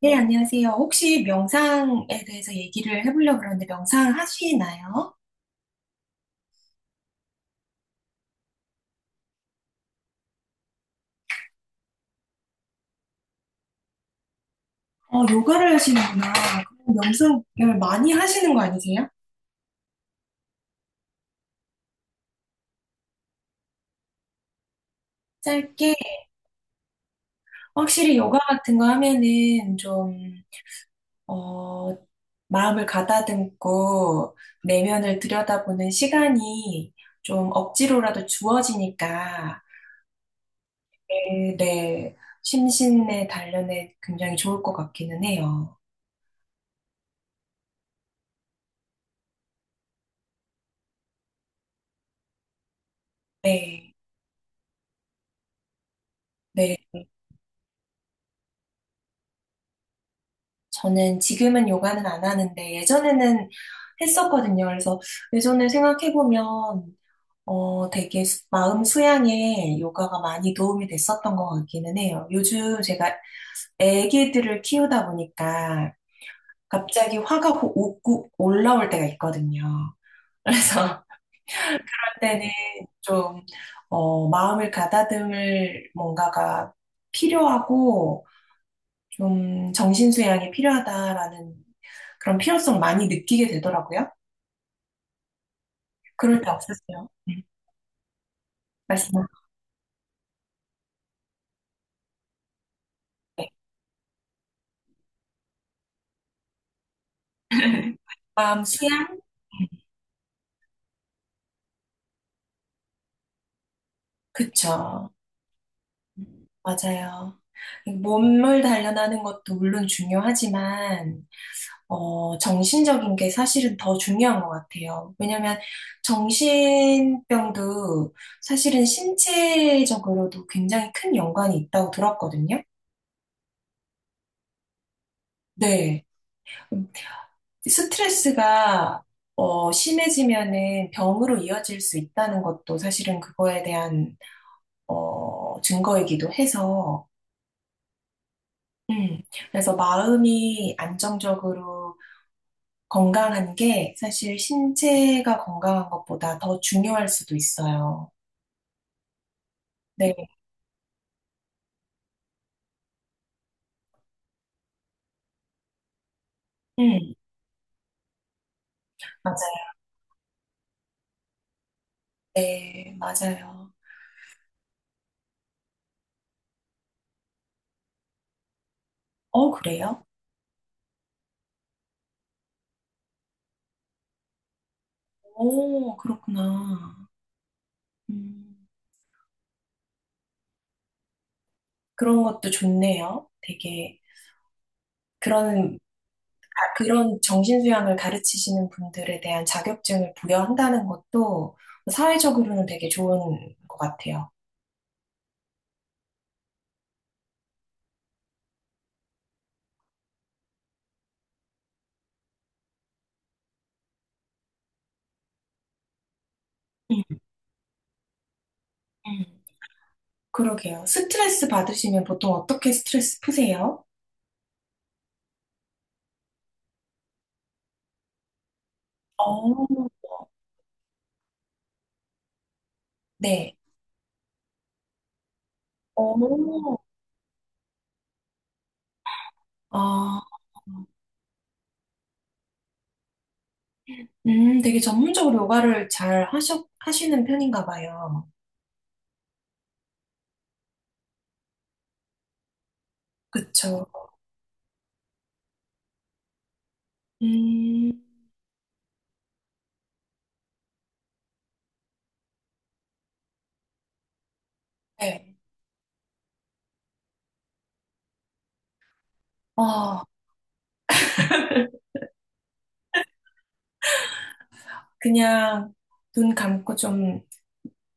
네, 안녕하세요. 혹시 명상에 대해서 얘기를 해보려고 그러는데 명상 하시나요? 어, 요가를 하시는구나. 그럼 명상을 많이 하시는 거 아니세요? 짧게. 확실히 요가 같은 거 하면은 좀, 어, 마음을 가다듬고 내면을 들여다보는 시간이 좀 억지로라도 주어지니까, 네, 네. 심신의 단련에 굉장히 좋을 것 같기는 해요. 네. 네. 저는 지금은 요가는 안 하는데 예전에는 했었거든요. 그래서 예전에 생각해보면 되게 마음 수양에 요가가 많이 도움이 됐었던 것 같기는 해요. 요즘 제가 애기들을 키우다 보니까 갑자기 화가 오고 올라올 때가 있거든요. 그래서 그럴 때는 좀 마음을 가다듬을 뭔가가 필요하고 좀 정신수양이 필요하다라는 그런 필요성을 많이 느끼게 되더라고요. 그럴 때 없으세요? 네. 말씀. 마음 수양? 그쵸. 맞아요. 몸을 단련하는 것도 물론 중요하지만, 정신적인 게 사실은 더 중요한 것 같아요. 왜냐면 정신병도 사실은 신체적으로도 굉장히 큰 연관이 있다고 들었거든요. 네. 스트레스가 심해지면은 병으로 이어질 수 있다는 것도 사실은 그거에 대한 증거이기도 해서 음, 그래서 마음이 안정적으로 건강한 게 사실 신체가 건강한 것보다 더 중요할 수도 있어요. 네, 음, 맞아요. 네, 맞아요. 어, 그래요? 오, 그렇구나. 음, 그런 것도 좋네요. 되게 그런 그런 정신수양을 가르치시는 분들에 대한 자격증을 부여한다는 것도 사회적으로는 되게 좋은 것 같아요. 음, 음. 그러게요. 스트레스 받으시면 보통 어떻게 스트레스 푸세요? 어, 네. 어, 아, 되게 전문적으로 요가를 잘 하시는 편인가 봐요. 그쵸. 음, 네. 어, 그냥 눈 감고 좀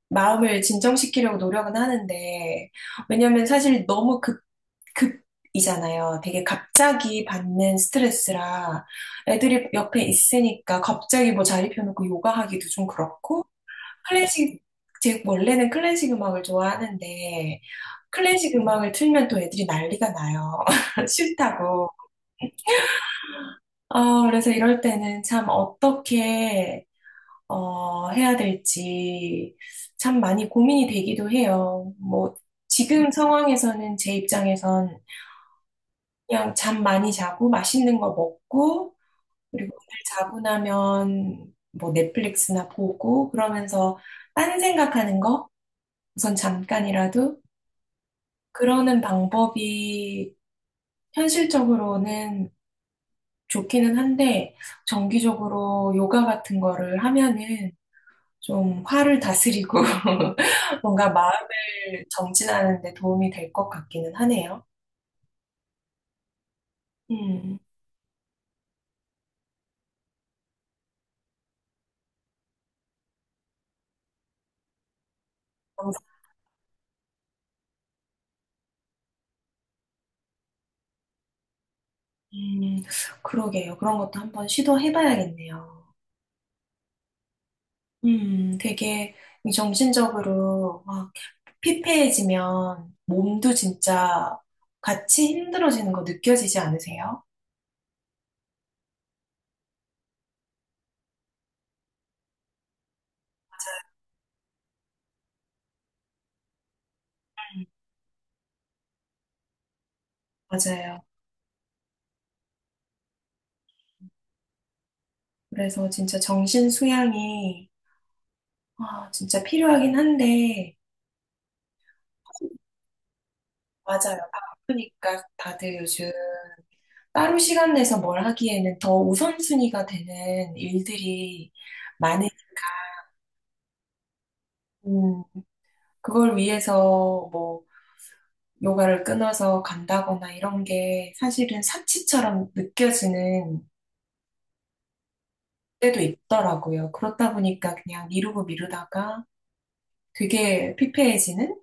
마음을 진정시키려고 노력은 하는데, 왜냐면 사실 너무 급이잖아요. 되게 갑자기 받는 스트레스라 애들이 옆에 있으니까 갑자기 뭐 자리 펴놓고 요가하기도 좀 그렇고, 클래식, 제 원래는 클래식 음악을 좋아하는데, 클래식 음악을 틀면 또 애들이 난리가 나요. 싫다고. 아, 그래서 이럴 때는 참 어떻게 해야 될지 참 많이 고민이 되기도 해요. 뭐, 지금 상황에서는 제 입장에선 그냥 잠 많이 자고 맛있는 거 먹고, 그리고 오늘 자고 나면 뭐 넷플릭스나 보고, 그러면서 딴 생각하는 거, 우선 잠깐이라도, 그러는 방법이 현실적으로는 좋기는 한데, 정기적으로 요가 같은 거를 하면은 좀 화를 다스리고 뭔가 마음을 정진하는 데 도움이 될 것 같기는 하네요. 음, 음, 그러게요. 그런 것도 한번 시도해봐야겠네요. 되게 이 정신적으로 막 피폐해지면 몸도 진짜 같이 힘들어지는 거 느껴지지 않으세요? 음, 맞아요. 그래서 진짜 정신 수양이 진짜 필요하긴 한데 맞아요. 바쁘니까 다들 요즘 따로 시간 내서 뭘 하기에는 더 우선순위가 되는 일들이 많은, 음, 그걸 위해서 뭐, 요가를 끊어서 간다거나 이런 게 사실은 사치처럼 느껴지는 때도 있더라고요. 그렇다 보니까 그냥 미루고 미루다가 되게 피폐해지는?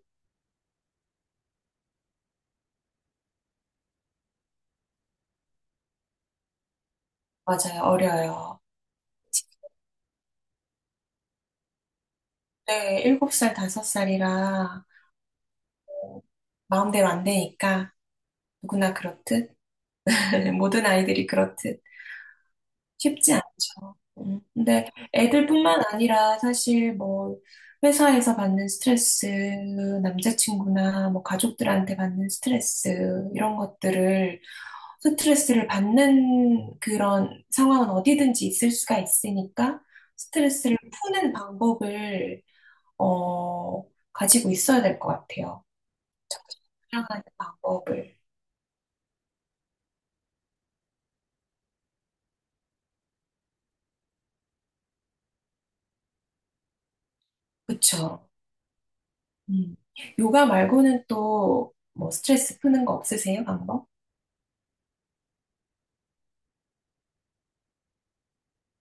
맞아요. 어려요. 네, 7살, 5살이라 마음대로 안 되니까 누구나 그렇듯, 모든 아이들이 그렇듯. 쉽지 않죠. 근데 애들뿐만 아니라 사실 뭐 회사에서 받는 스트레스, 남자친구나 뭐 가족들한테 받는 스트레스 이런 것들을 스트레스를 받는 그런 상황은 어디든지 있을 수가 있으니까 스트레스를 푸는 방법을 어, 가지고 있어야 될 것 같아요. 사랑하는 방법을. 그쵸? 음. 요가 말고는 또 뭐 스트레스 푸는 거 없으세요? 방법?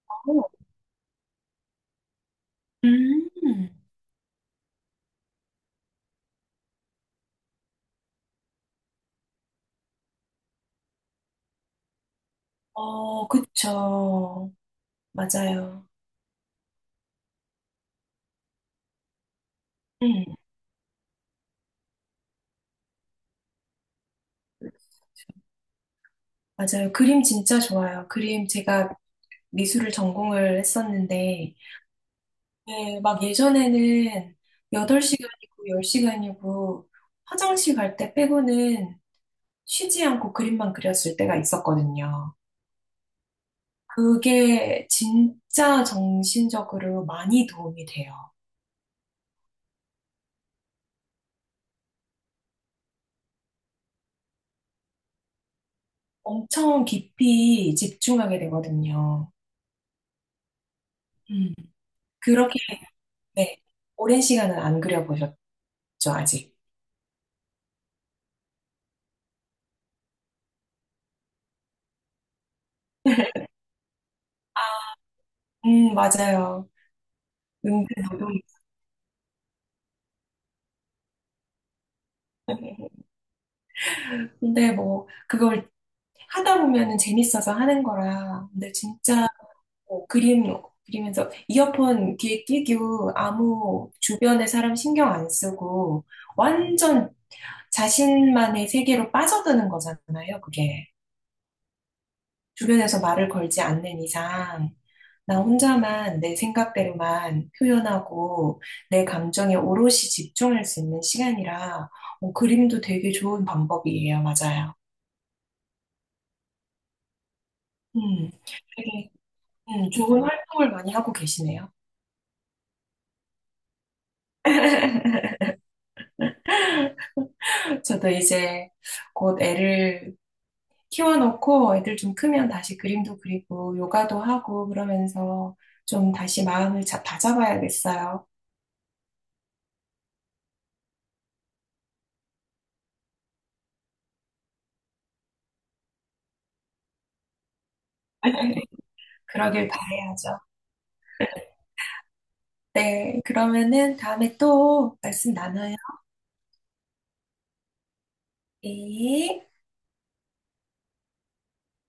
어, 음, 어, 그쵸. 맞아요. 네. 맞아요. 그림 진짜 좋아요. 그림 제가 미술을 전공을 했었는데, 네, 막 예전에는 8시간이고 10시간이고 화장실 갈 때 빼고는 쉬지 않고 그림만 그렸을 때가 있었거든요. 그게 진짜 정신적으로 많이 도움이 돼요. 엄청 깊이 집중하게 되거든요. 음. 그렇게 네. 오랜 시간은 안 그려보셨죠, 아직? 맞아요. 은근 노동. 근데 뭐, 그걸 하다 보면은 재밌어서 하는 거라. 근데 진짜 뭐 그리면서 이어폰 귀에 끼고 아무 주변의 사람 신경 안 쓰고 완전 자신만의 세계로 빠져드는 거잖아요, 그게. 주변에서 말을 걸지 않는 이상, 나 혼자만 내 생각대로만 표현하고 내 감정에 오롯이 집중할 수 있는 시간이라 그림도 되게 좋은 방법이에요. 맞아요. 음, 되게 좋은 활동을 많이 하고 계시네요. 저도 이제 곧 애를 키워놓고 애들 좀 크면 다시 그림도 그리고 요가도 하고 그러면서 좀 다시 마음을 다잡아야겠어요. 그러길 바라야죠. 네, 그러면은 다음에 또 말씀 나눠요. 네.